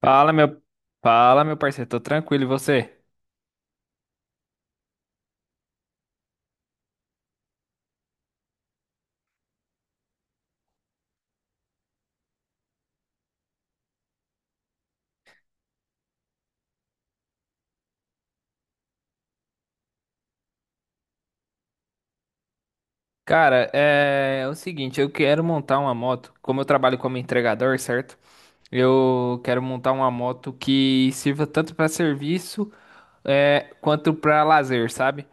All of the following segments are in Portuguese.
Fala, meu, fala, meu parceiro, tô tranquilo, e você? Cara, é o seguinte, eu quero montar uma moto, como eu trabalho como entregador, certo? Eu quero montar uma moto que sirva tanto pra serviço, quanto pra lazer, sabe?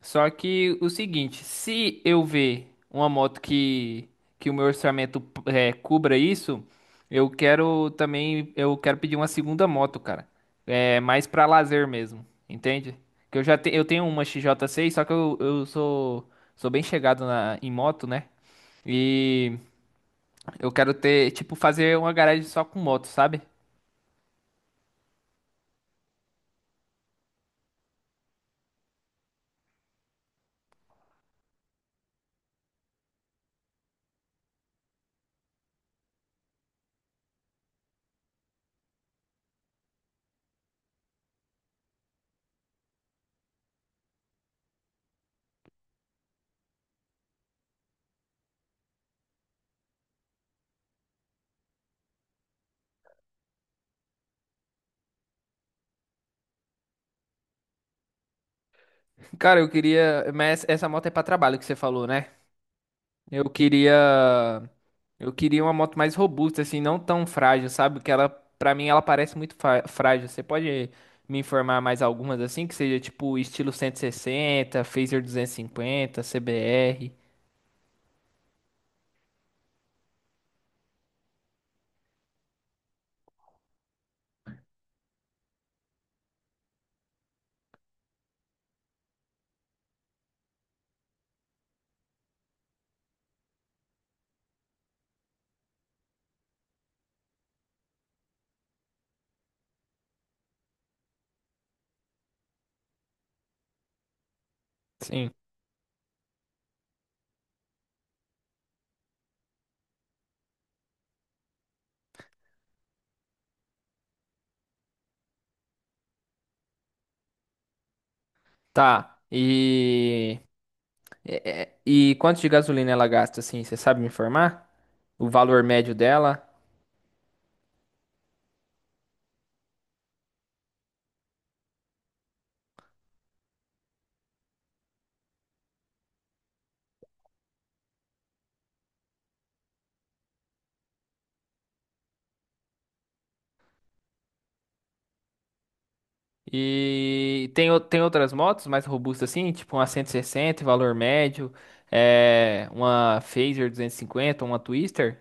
Só que o seguinte, se eu ver uma moto que o meu orçamento cubra isso, eu quero pedir uma segunda moto, cara. É mais pra lazer mesmo, entende? Que eu já te, Eu tenho uma XJ6, só que eu sou bem chegado em moto, né? E eu quero ter, tipo, fazer uma garagem só com moto, sabe? Cara, eu queria, mas essa moto é pra trabalho que você falou, né? Eu queria, eu queria uma moto mais robusta, assim, não tão frágil, sabe? Que ela, pra mim, ela parece muito frágil. Você pode me informar mais algumas assim, que seja tipo estilo 160, Fazer 250, CBR. Sim. Tá. E e quanto de gasolina ela gasta, assim? Você sabe me informar? O valor médio dela? E tem, tem outras motos mais robustas assim, tipo uma 160 valor médio, é, uma Phaser 250 uma Twister.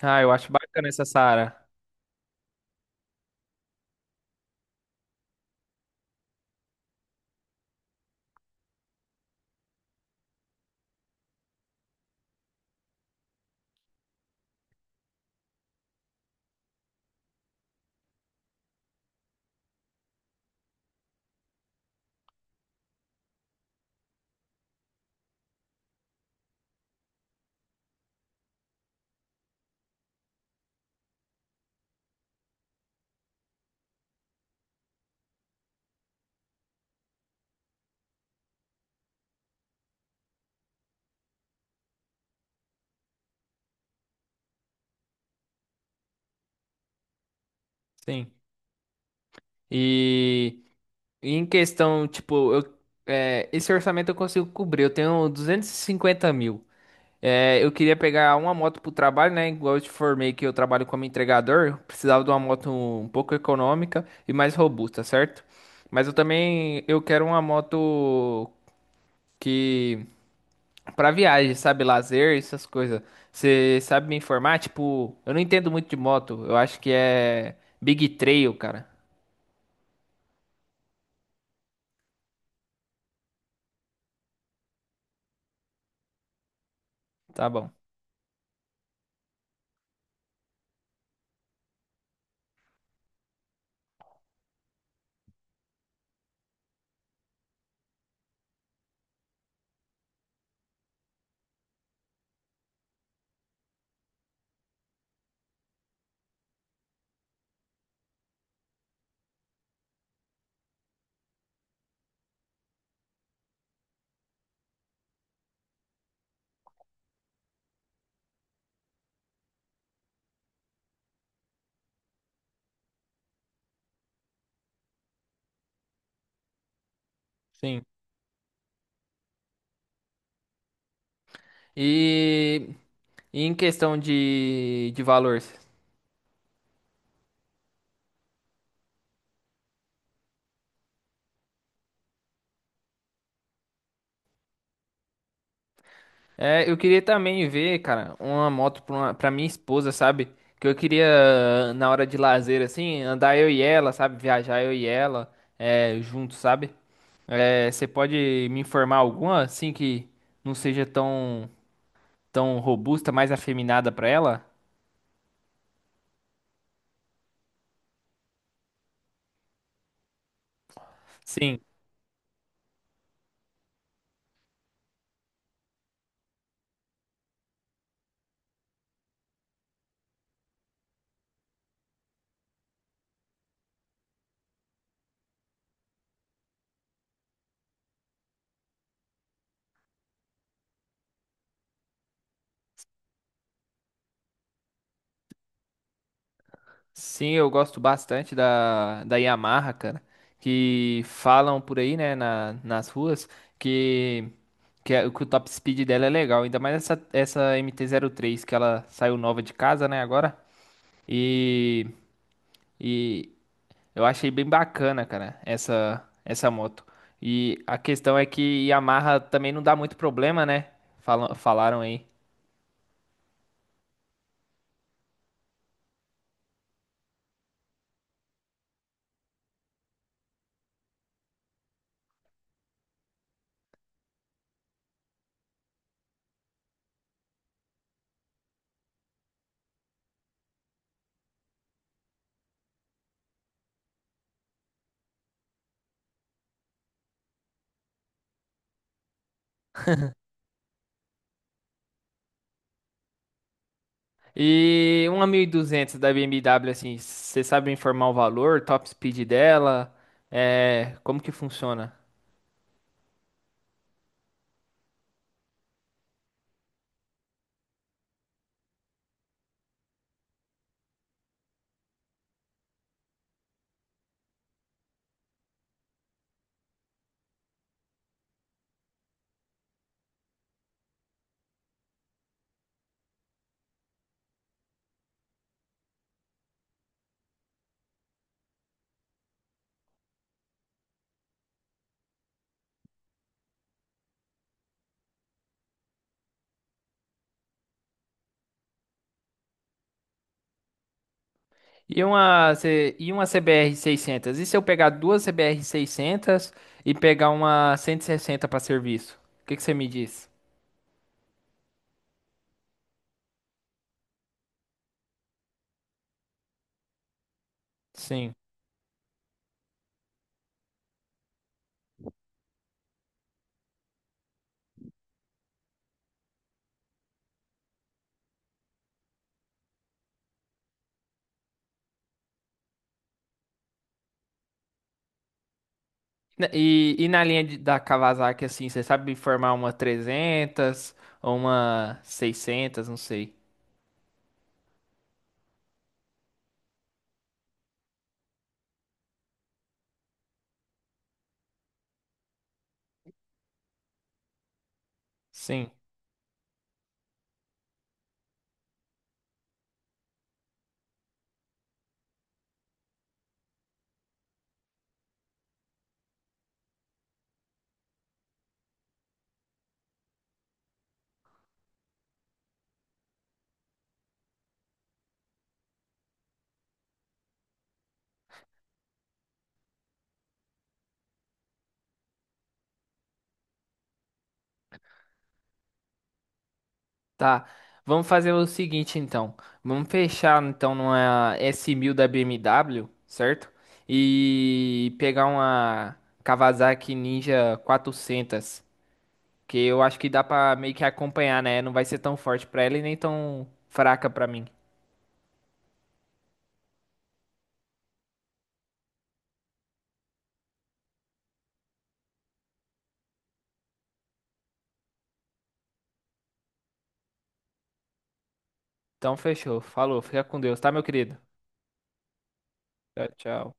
Ah, eu acho bacana essa Sara. Sim. E em questão, tipo, esse orçamento eu consigo cobrir. Eu tenho 250 mil. É, eu queria pegar uma moto pro trabalho, né? Igual eu te formei que eu trabalho como entregador, eu precisava de uma moto um pouco econômica e mais robusta, certo? Mas eu quero uma moto que para viagem, sabe, lazer, essas coisas. Você sabe me informar? Tipo, eu não entendo muito de moto. Eu acho que é Big Trail, cara. Tá bom. Sim. E, e em questão de valor, é, eu queria também ver, cara, uma moto pra minha esposa, sabe? Que eu queria, na hora de lazer, assim, andar eu e ela, sabe? Viajar eu e ela, é, juntos, sabe? É, você pode me informar alguma, assim, que não seja tão robusta, mais afeminada pra ela? Sim, sim, eu gosto bastante da Yamaha, cara. Que falam por aí, né, nas ruas, que, que o top speed dela é legal. Ainda mais essa MT-03, que ela saiu nova de casa, né, agora. E, e eu achei bem bacana, cara, essa moto. E a questão é que Yamaha também não dá muito problema, né? Falam, falaram aí. E uma 1200 da BMW, assim, você sabe me informar o valor, top speed dela, é, como que funciona? E uma, CBR 600? E se eu pegar duas CBR 600 e pegar uma 160 para serviço? O que que você me diz? Sim. E na linha da Kawasaki, assim, você sabe formar uma 300 ou uma 600, não sei. Sim. Tá, vamos fazer o seguinte então. Vamos fechar então numa S1000 da BMW, certo? E pegar uma Kawasaki Ninja 400, que eu acho que dá pra meio que acompanhar, né? Não vai ser tão forte pra ela e nem tão fraca pra mim. Então fechou, falou, fica com Deus, tá, meu querido? Tchau, tchau.